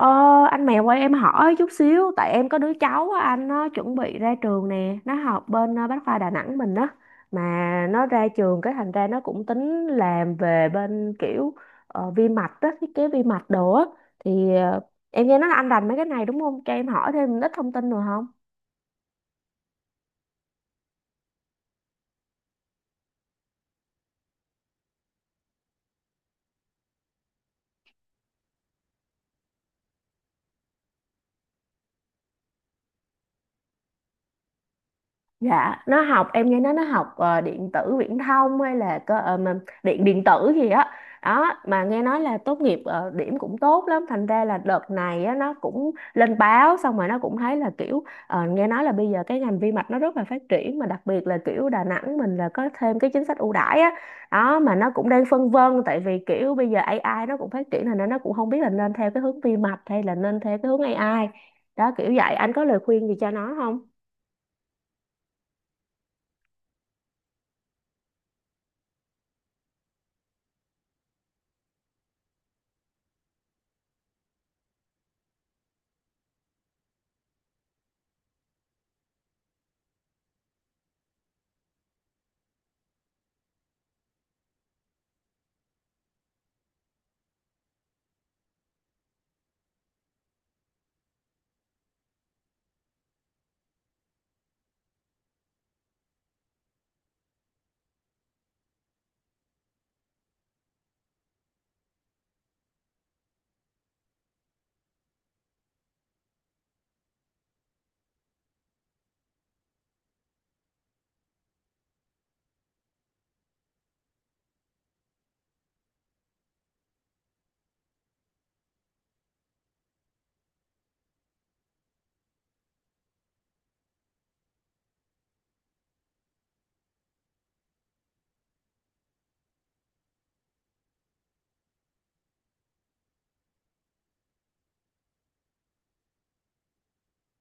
Ờ, anh mèo ơi, em hỏi chút xíu. Tại em có đứa cháu á, anh nó chuẩn bị ra trường nè, nó học bên Bách khoa Đà Nẵng mình á, mà nó ra trường cái thành ra nó cũng tính làm về bên kiểu vi mạch á, thiết kế vi mạch đồ á. Thì em nghe nói là anh rành mấy cái này đúng không, cho em hỏi thêm ít thông tin được không? Dạ, nó học, em nghe nói nó học điện tử viễn thông hay là cơ mà điện điện tử gì á. Đó. Mà nghe nói là tốt nghiệp điểm cũng tốt lắm, thành ra là đợt này á nó cũng lên báo, xong rồi nó cũng thấy là kiểu nghe nói là bây giờ cái ngành vi mạch nó rất là phát triển, mà đặc biệt là kiểu Đà Nẵng mình là có thêm cái chính sách ưu đãi á. Đó, mà nó cũng đang phân vân tại vì kiểu bây giờ AI nó cũng phát triển, thành ra nó cũng không biết là nên theo cái hướng vi mạch hay là nên theo cái hướng AI. Đó kiểu vậy, anh có lời khuyên gì cho nó không?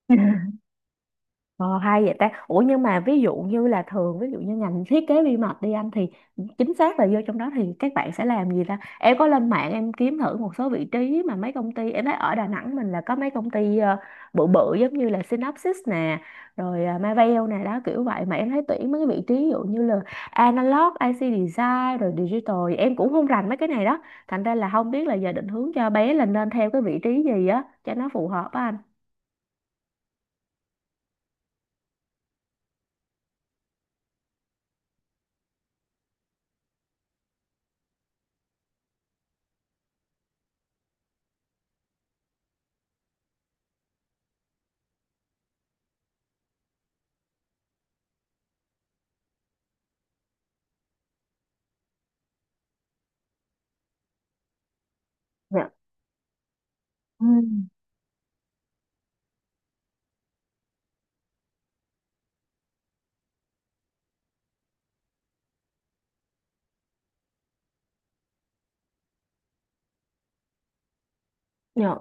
Ờ, hay vậy ta. Ủa nhưng mà ví dụ như là thường ví dụ như ngành thiết kế vi mạch đi anh, thì chính xác là vô trong đó thì các bạn sẽ làm gì ta? Em có lên mạng em kiếm thử một số vị trí mà mấy công ty, em thấy ở Đà Nẵng mình là có mấy công ty bự bự giống như là Synopsys nè, rồi Marvell nè, đó kiểu vậy, mà em thấy tuyển mấy cái vị trí ví dụ như là analog, IC design rồi digital, em cũng không rành mấy cái này đó. Thành ra là không biết là giờ định hướng cho bé là nên theo cái vị trí gì á cho nó phù hợp á anh. Dạ. Ừ. Dạ.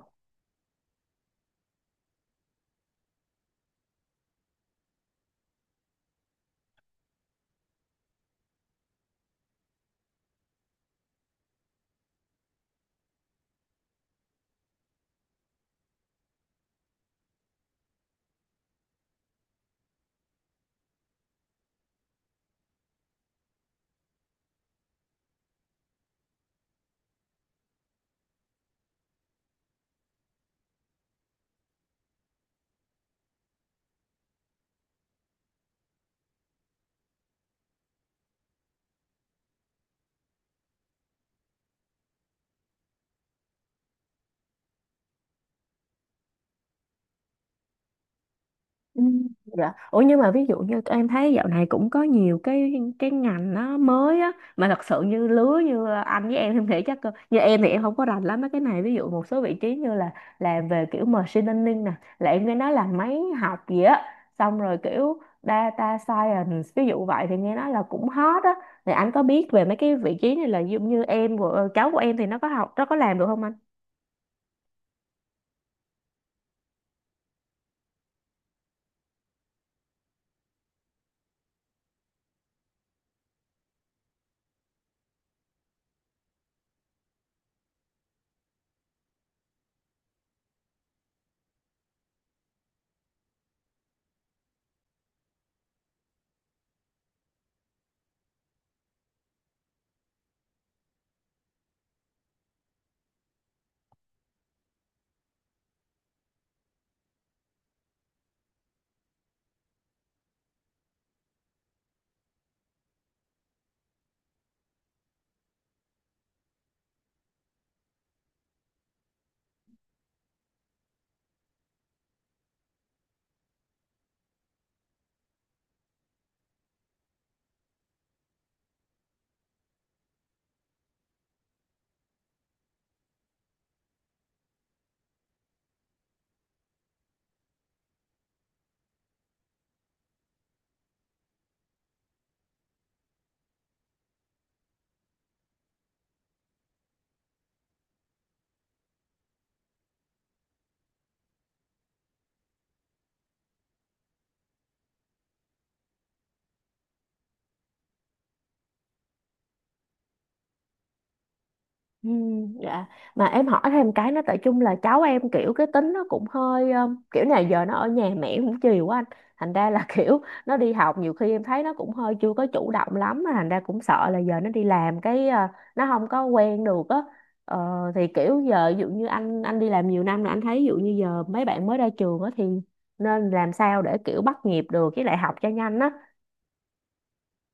Ừ, Dạ. Ủa nhưng mà ví dụ như em thấy dạo này cũng có nhiều cái ngành nó mới á, mà thật sự như lứa như anh với em nghĩ chắc cơ, như em thì em không có rành lắm mấy cái này, ví dụ một số vị trí như là làm về kiểu machine learning nè, là em nghe nói là máy học gì á, xong rồi kiểu data science ví dụ vậy thì nghe nói là cũng hot á. Thì anh có biết về mấy cái vị trí này là giống như em của cháu của em thì nó có học, nó có làm được không anh? Ừ, dạ, mà em hỏi thêm cái nữa, tại chung là cháu em kiểu cái tính nó cũng hơi kiểu này giờ nó ở nhà mẹ cũng chiều quá anh, thành ra là kiểu nó đi học nhiều khi em thấy nó cũng hơi chưa có chủ động lắm, mà thành ra cũng sợ là giờ nó đi làm cái nó không có quen được á. Ờ, thì kiểu giờ ví dụ như anh đi làm nhiều năm là anh thấy ví dụ như giờ mấy bạn mới ra trường á thì nên làm sao để kiểu bắt nhịp được với lại học cho nhanh á,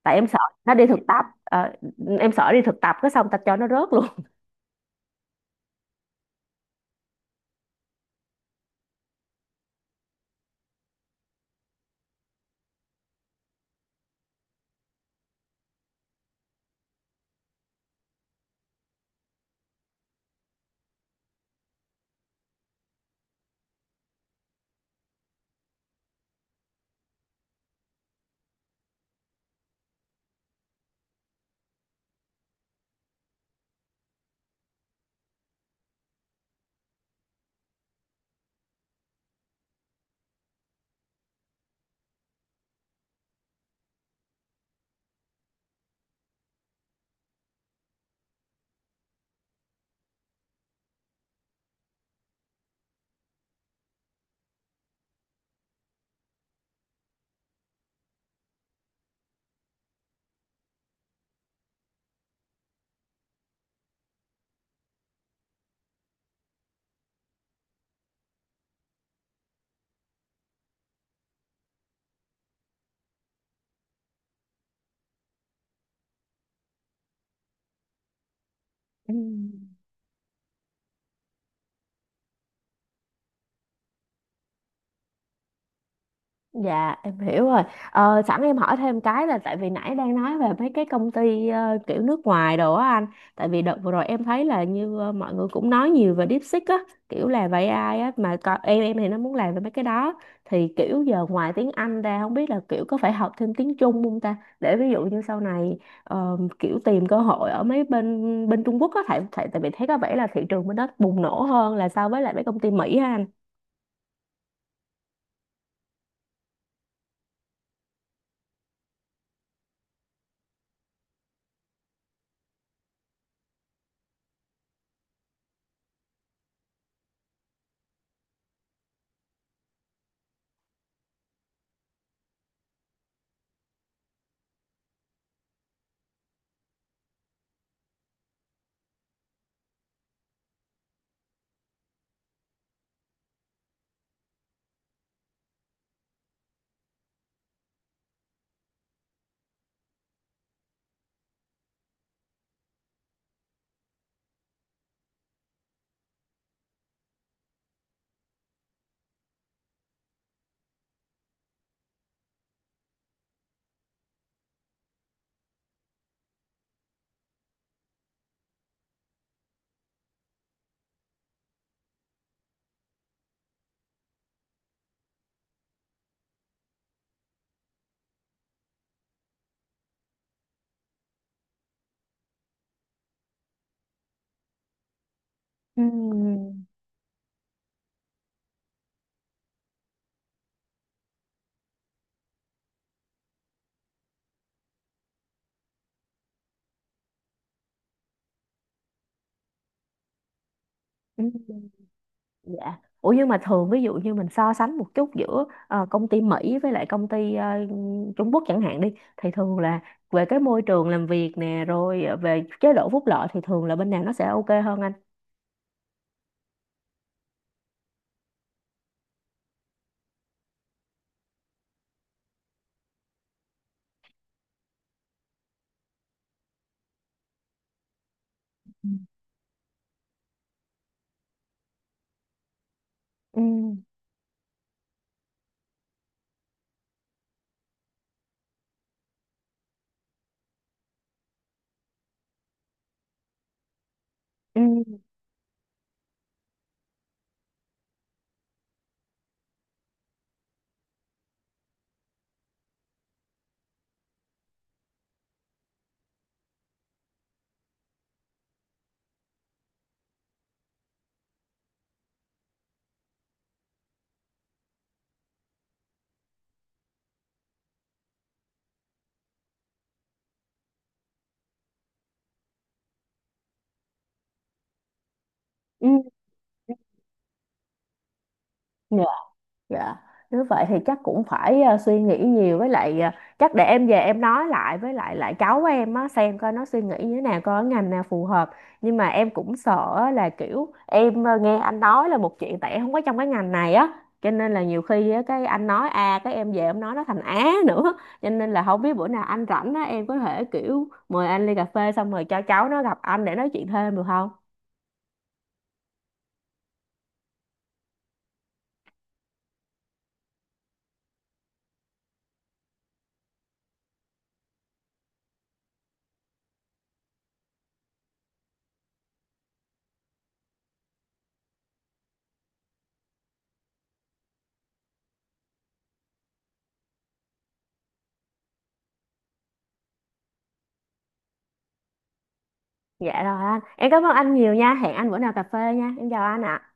tại em sợ nó đi thực tập. Ờ, em sợ đi thực tập cái xong tạch cho nó rớt luôn. Ừ. Dạ em hiểu rồi. Ờ, sẵn em hỏi thêm cái là tại vì nãy đang nói về mấy cái công ty kiểu nước ngoài đồ á anh. Tại vì đợt vừa rồi em thấy là như mọi người cũng nói nhiều về DeepSeek á, kiểu là về AI á, mà em thì nó muốn làm về mấy cái đó. Thì kiểu giờ ngoài tiếng Anh ra không biết là kiểu có phải học thêm tiếng Trung không ta? Để ví dụ như sau này kiểu tìm cơ hội ở mấy bên bên Trung Quốc á, tại tại tại vì thấy có vẻ là thị trường bên đó bùng nổ hơn là so với lại mấy công ty Mỹ á anh. Ừm, ừm. Dạ. Ủa nhưng mà thường ví dụ như mình so sánh một chút giữa công ty Mỹ với lại công ty Trung Quốc chẳng hạn đi, thì thường là về cái môi trường làm việc nè, rồi về chế độ phúc lợi thì thường là bên nào nó sẽ ok hơn anh? Ừ. Ừ. Ừ. Ừ. Dạ. Dạ, nếu vậy thì chắc cũng phải suy nghĩ nhiều với lại chắc để em về em nói lại với lại lại cháu em á xem coi nó suy nghĩ như thế nào coi cái ngành nào phù hợp. Nhưng mà em cũng sợ á là kiểu em nghe anh nói là một chuyện tại em không có trong cái ngành này á. Cho nên là nhiều khi á, cái anh nói A cái em về em nói nó thành Á nữa. Cho nên là không biết bữa nào anh rảnh á em có thể kiểu mời anh ly cà phê xong rồi cho cháu nó gặp anh để nói chuyện thêm được không? Dạ rồi anh. Em cảm ơn anh nhiều nha. Hẹn anh bữa nào cà phê nha. Em chào anh ạ.